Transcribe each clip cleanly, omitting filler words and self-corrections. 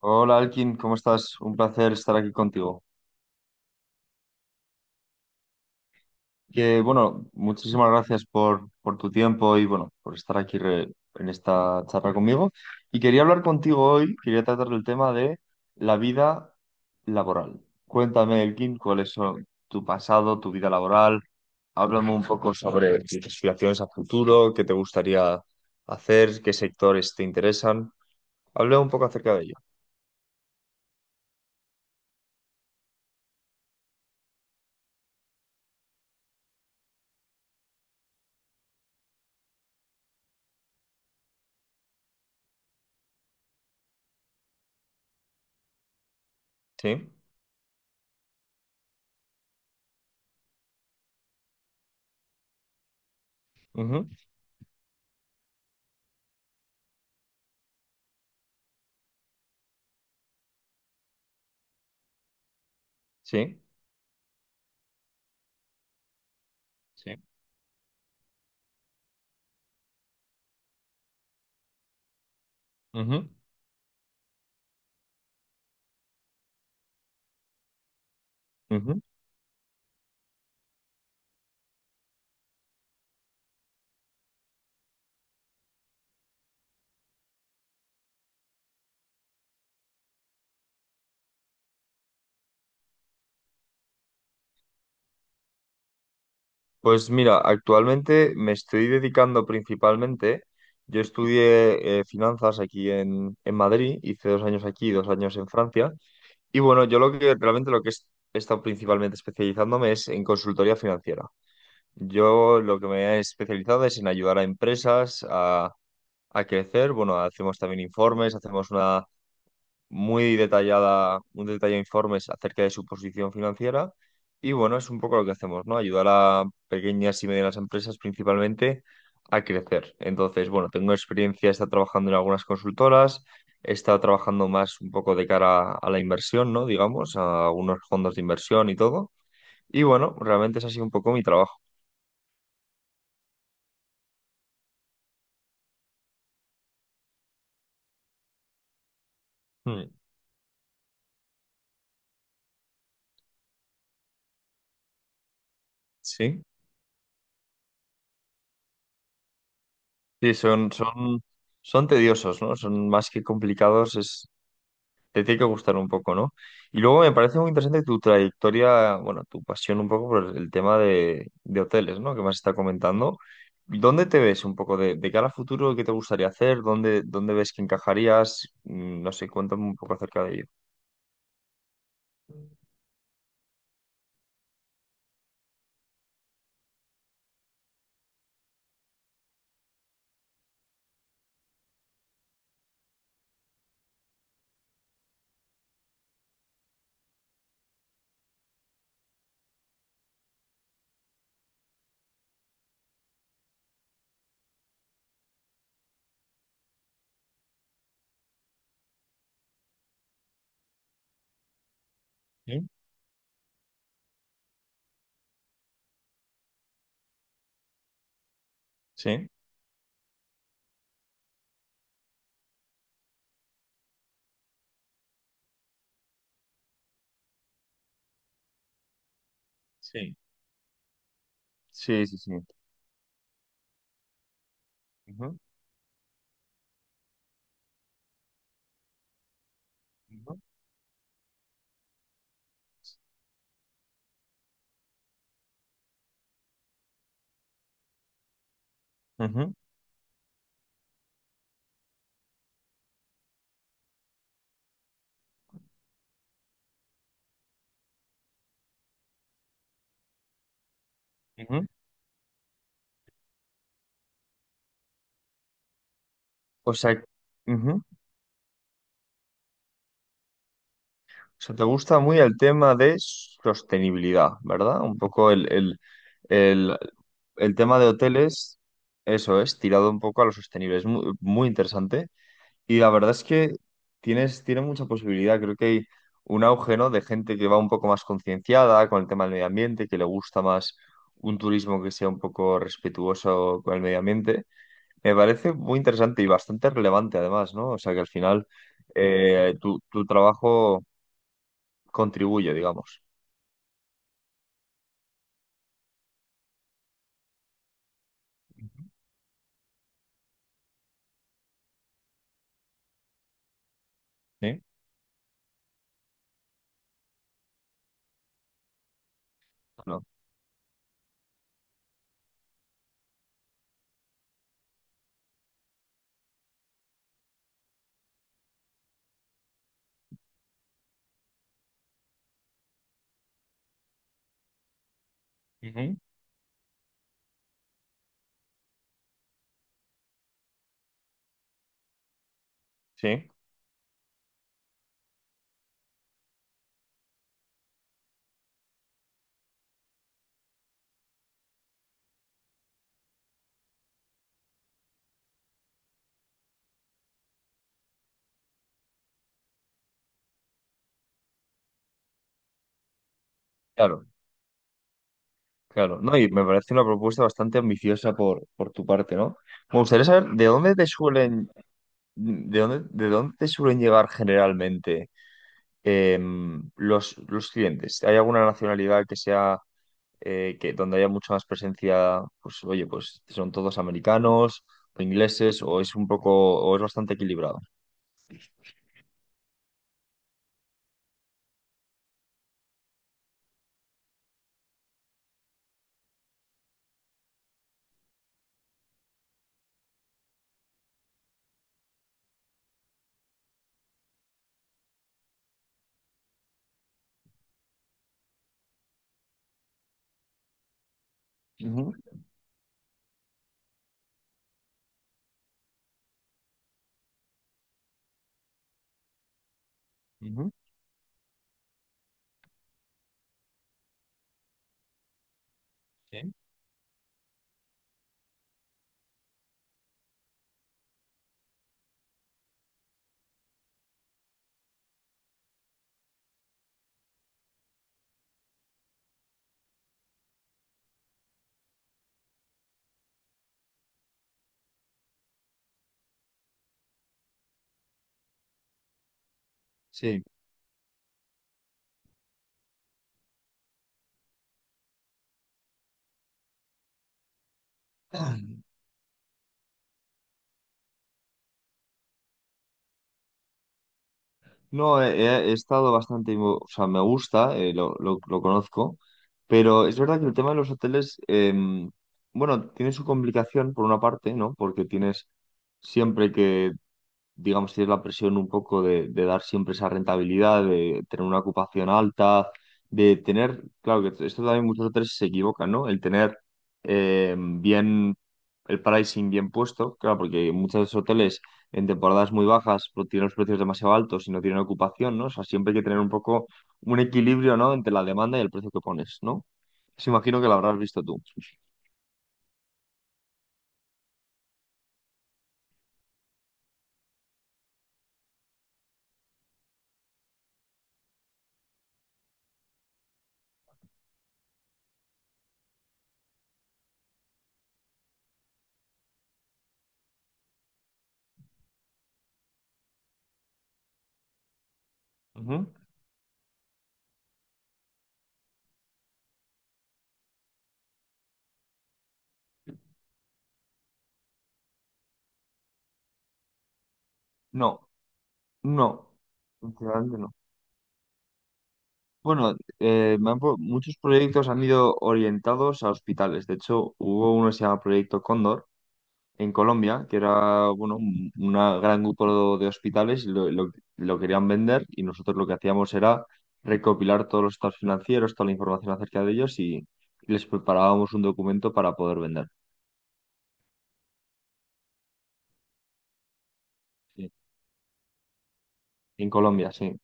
Hola Alkin, ¿cómo estás? Un placer estar aquí contigo. Que bueno, muchísimas gracias por tu tiempo y bueno, por estar aquí en esta charla conmigo. Y quería hablar contigo hoy, quería tratar el tema de la vida laboral. Cuéntame, Elkin, cuál es tu pasado, tu vida laboral. Háblame un poco sobre tus aspiraciones a futuro, qué te gustaría hacer, qué sectores te interesan. Hablé un poco acerca de ello. Sí, ujú, sí, sí, ujú, ujú. Pues mira, actualmente me estoy dedicando principalmente, yo estudié finanzas aquí en Madrid, hice dos años aquí, dos años en Francia, y bueno, yo lo que realmente he estado principalmente especializándome es en consultoría financiera. Yo lo que me he especializado es en ayudar a empresas a crecer, bueno, hacemos también informes, hacemos un detallado informes acerca de su posición financiera. Y bueno, es un poco lo que hacemos, ¿no? Ayudar a pequeñas y medianas empresas principalmente a crecer. Entonces, bueno, tengo experiencia, he estado trabajando en algunas consultoras, he estado trabajando más un poco de cara a la inversión, ¿no? Digamos, a algunos fondos de inversión y todo. Y bueno, realmente es así un poco mi trabajo. Hmm, sí, sí, son tediosos, ¿no? Son más que complicados, es te tiene que gustar un poco, ¿no? Y luego me parece muy interesante tu trayectoria, bueno, tu pasión un poco por el tema de hoteles, ¿no? Que me has estado comentando. ¿Dónde te ves un poco de cara a futuro? ¿Qué te gustaría hacer? ¿ Dónde ves que encajarías? No sé, cuéntame un poco acerca de ello. ¿Sí? ¿Sí? Sí. Sí, sí, sí. Ujú, ujú, ujú, ujú. O sea, ujú. O sea, te gusta muy el tema de sostenibilidad, ¿verdad? Un poco el- el tema de hoteles, eso es, tirado un poco a lo sostenible. Es muy, muy interesante. Y la verdad es que tiene mucha posibilidad. Creo que hay un auge, ¿no? De gente que va un poco más concienciada con el tema del medio ambiente, que le gusta más un turismo que sea un poco respetuoso con el medio ambiente. Me parece muy interesante y bastante relevante, además, ¿no? O sea, que al final tu trabajo contribuye, digamos. ¿Sí? ¿No? Ujú. Sí, claro, claro. No, y me parece una propuesta bastante ambiciosa por tu parte, ¿no? Me gustaría saber de dónde te suelen, de dónde, ¿De dónde te suelen llegar generalmente los clientes? ¿Hay alguna nacionalidad que sea que donde haya mucha más presencia? Pues oye, pues son todos americanos o ingleses, o es un poco, o es bastante equilibrado. Ujú, ujú. Sí. No, estado bastante, o sea, me gusta, lo conozco, pero es verdad que el tema de los hoteles, bueno, tiene su complicación por una parte, ¿no? Porque tienes siempre que digamos, tienes la presión un poco de dar siempre esa rentabilidad, de tener una ocupación alta, de tener, claro que esto también muchos hoteles se equivocan, ¿no? El tener bien el pricing bien puesto, claro, porque muchos hoteles en temporadas muy bajas pues, tienen los precios demasiado altos y no tienen ocupación, ¿no? O sea, siempre hay que tener un poco un equilibrio, ¿no? Entre la demanda y el precio que pones, ¿no? Se imagino que lo habrás visto tú. Ujú. No, no, sinceramente no. Bueno, muchos proyectos han ido orientados a hospitales. De hecho, hubo uno que se llama Proyecto Cóndor en Colombia, que era bueno, un una gran grupo de hospitales y lo querían vender y nosotros lo que hacíamos era recopilar todos los estados financieros, toda la información acerca de ellos y les preparábamos un documento para poder vender. Sí. En Colombia, sí.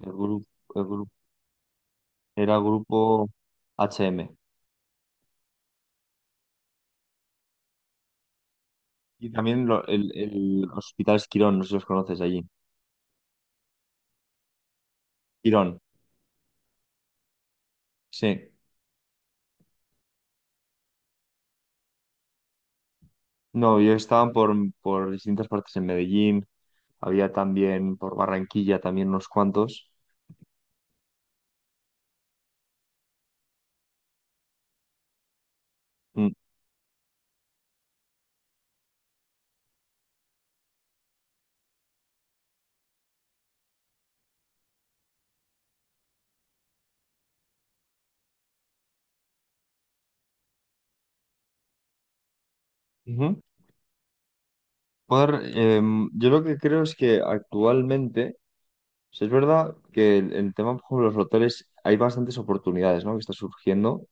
El grupo, el grupo era grupo HM. Y también el Hospital Quirón, no sé si los conoces allí. Quirón, sí. No, yo estaban por distintas partes en Medellín, había también por Barranquilla también unos cuantos. Mm, ujú. Joder, yo lo que creo es que actualmente, o sea, es verdad que el tema, por ejemplo, de los hoteles, hay bastantes oportunidades, ¿no? Que está surgiendo.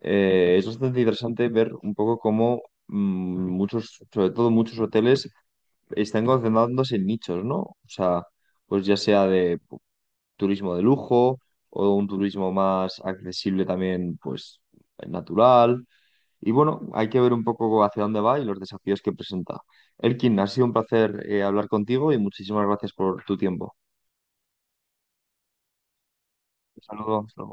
Es bastante interesante ver un poco cómo muchos, sobre todo muchos hoteles, están concentrándose en nichos, ¿no? O sea, pues ya sea de turismo de lujo o un turismo más accesible también, pues natural. Y bueno, hay que ver un poco hacia dónde va y los desafíos que presenta. Elkin, ha sido un placer hablar contigo y muchísimas gracias por tu tiempo. Saludos.